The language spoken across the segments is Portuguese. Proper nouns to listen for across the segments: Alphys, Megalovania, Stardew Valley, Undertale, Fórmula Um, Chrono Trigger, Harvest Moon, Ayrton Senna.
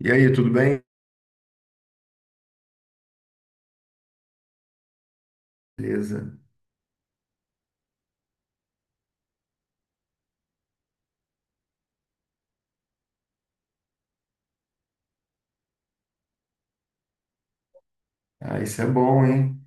E aí, tudo bem? Beleza. Ah, isso é bom, hein?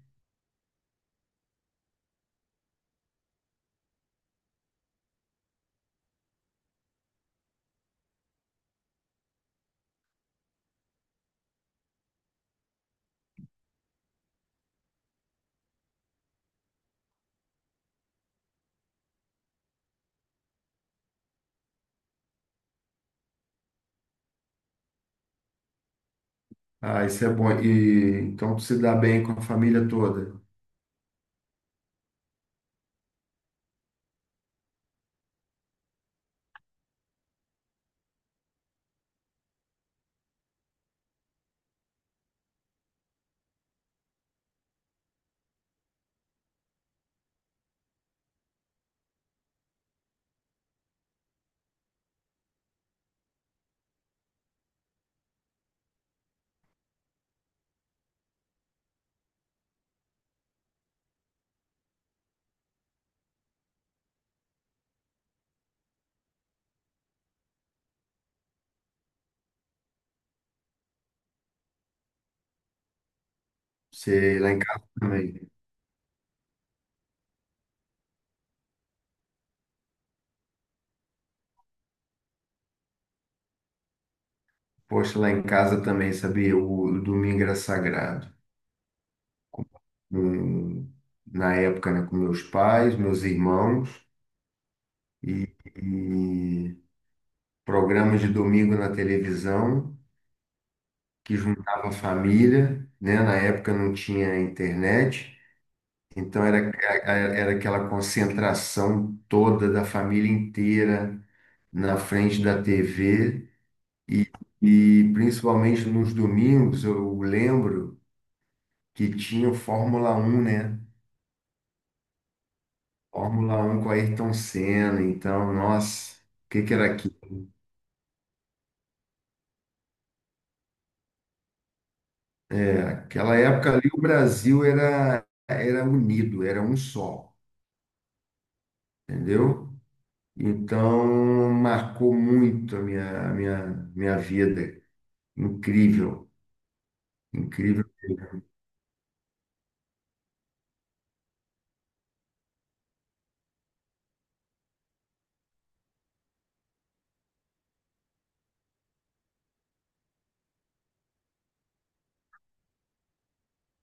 Ah, isso é bom. E então tu se dá bem com a família toda. Você lá em casa também. Poxa, lá em casa também, sabia? O domingo era sagrado. Hum, Na época, né, com meus pais, meus irmãos e, e programas de domingo na televisão que juntava a família, né? Na época não tinha internet. Então era, era aquela concentração toda da família inteira na frente da TV e principalmente nos domingos eu lembro que tinha o Fórmula 1, né? Fórmula 1 com Ayrton Senna, então, nossa, o que que era aquilo? Aquela época ali o Brasil era unido, era um só, entendeu? Então marcou muito minha vida. Incrível, incrível.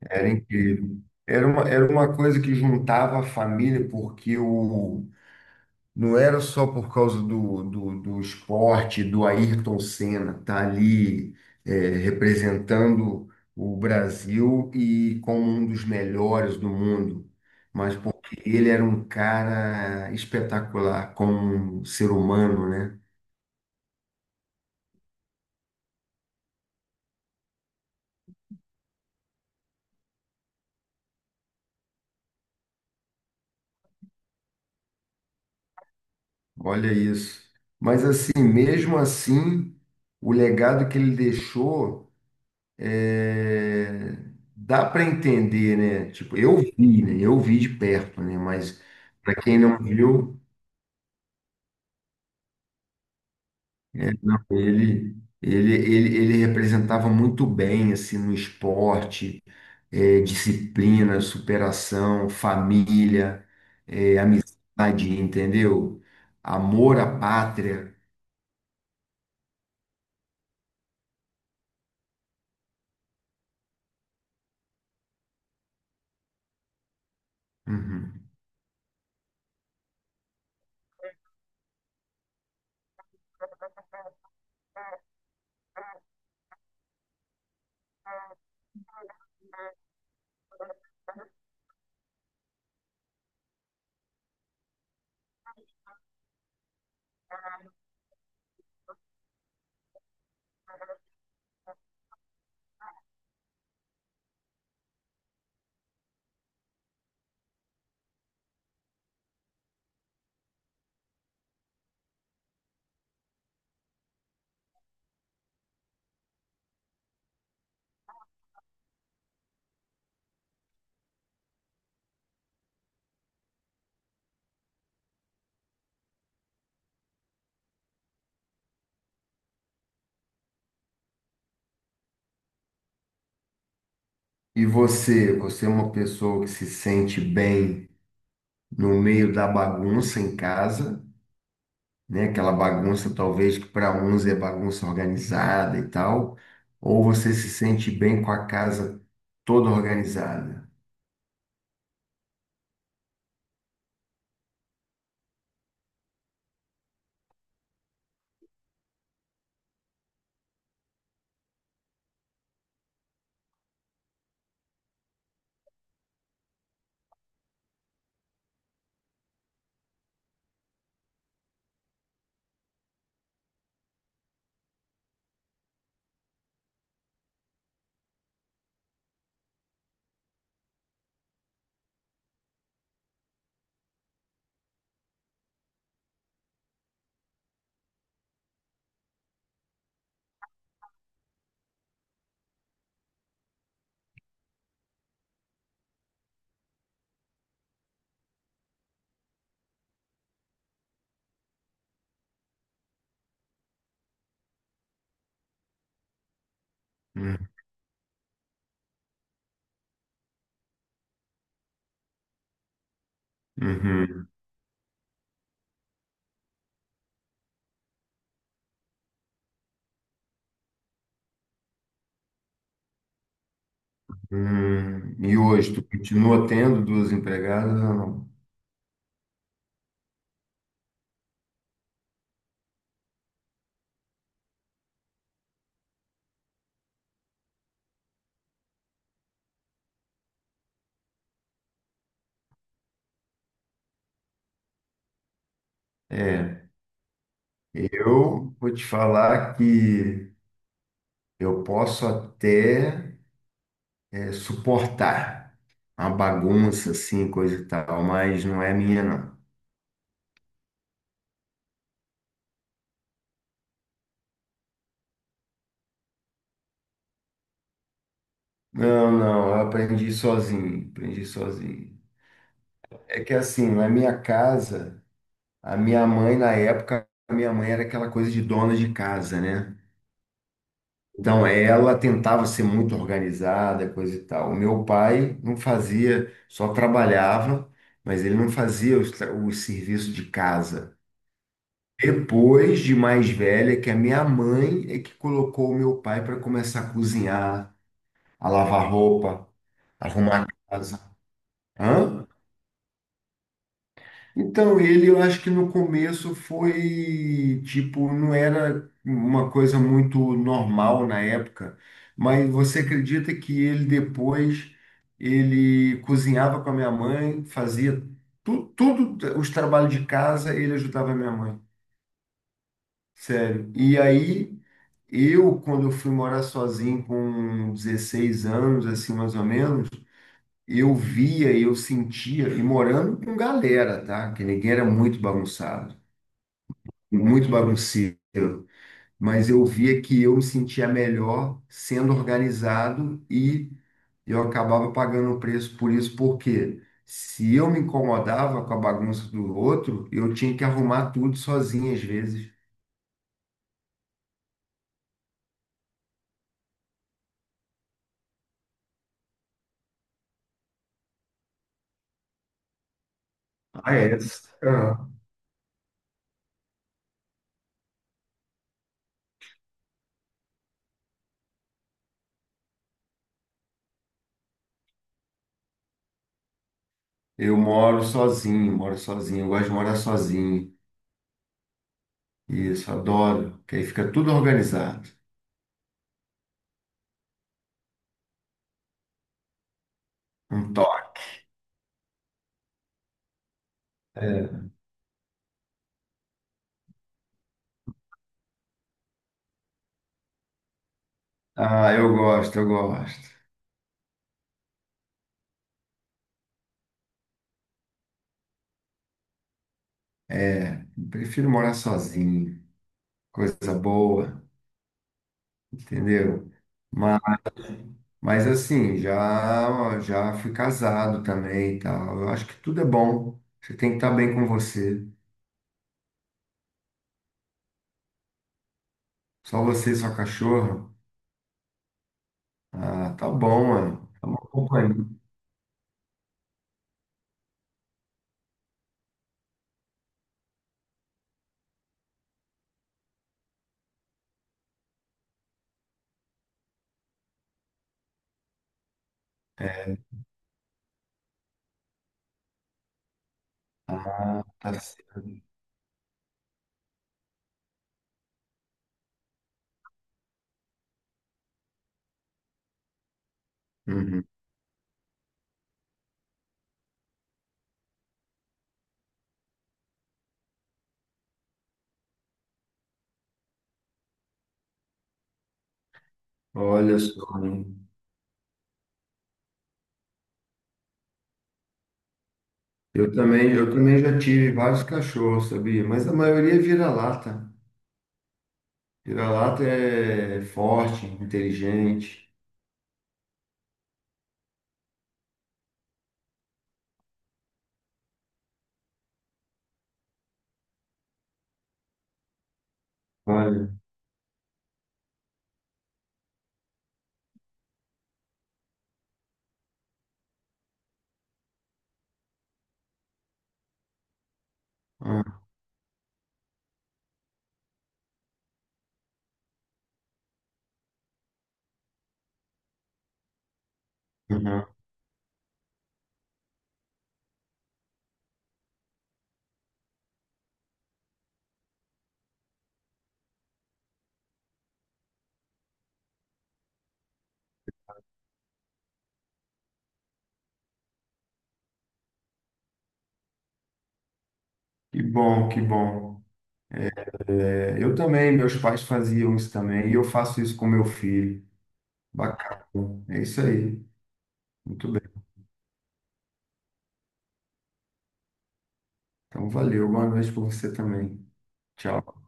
Era incrível. Era uma coisa que juntava a família, porque não era só por causa do esporte, do Ayrton Senna estar ali, é, representando o Brasil e como um dos melhores do mundo, mas porque ele era um cara espetacular como um ser humano, né? Olha isso. Mas assim, mesmo assim, o legado que ele deixou. é, Dá para entender, né? Tipo, eu vi, né? Eu vi de perto, né? Mas para quem não viu, é, não, ele representava muito bem assim no esporte, disciplina, superação, família, amizade, entendeu? Amor à pátria. Uhum. E você, você é uma pessoa que se sente bem no meio da bagunça em casa? Né? Aquela bagunça, talvez, que para uns é bagunça organizada e tal, ou você se sente bem com a casa toda organizada? Hum. Uhum. Hum. E hoje, tu continua tendo duas empregadas ou não? É, eu vou te falar que eu posso até suportar uma bagunça assim, coisa e tal, mas não é minha, não. Não, não, eu aprendi sozinho, aprendi sozinho. É que assim, na minha casa, a minha mãe era aquela coisa de dona de casa, né? Então ela tentava ser muito organizada, coisa e tal. O meu pai não fazia, só trabalhava, mas ele não fazia o serviço de casa. Depois de mais velha, que a minha mãe é que colocou o meu pai para começar a cozinhar, a lavar roupa, arrumar a casa. Hã? Então, ele eu acho que no começo foi tipo, não era uma coisa muito normal na época, mas você acredita que ele depois ele cozinhava com a minha mãe, fazia tudo os trabalhos de casa, ele ajudava a minha mãe. Sério. E aí eu, quando eu fui morar sozinho com 16 anos, assim mais ou menos, eu via e eu sentia, e morando com galera, tá? Que ninguém era muito bagunçado, muito bagunceiro, mas eu via que eu me sentia melhor sendo organizado e eu acabava pagando o preço por isso, porque se eu me incomodava com a bagunça do outro, eu tinha que arrumar tudo sozinho às vezes. Ah, é. Ah, eu moro sozinho, eu gosto de morar sozinho. Isso, adoro, que aí fica tudo organizado. Um toque. Ah, eu gosto, eu gosto. Prefiro morar sozinho. Coisa boa. Entendeu? Mas, mas assim, já já fui casado também e tal. Eu acho que tudo é bom. Você tem que estar bem com você. Só você e sua cachorra. Ah, tá bom, mano. Tá uma companhia. Ah, tá tá certo. Uhum. Olha só, hein? Eu também já tive vários cachorros, sabia? Mas a maioria é vira-lata. Vira-lata é forte, inteligente. Olha. Ah. Uhum. Que bom, que bom. É, eu também, meus pais faziam isso também, e eu faço isso com meu filho. Bacana. É isso aí. Muito bem. Então, valeu. Boa noite para você também. Tchau.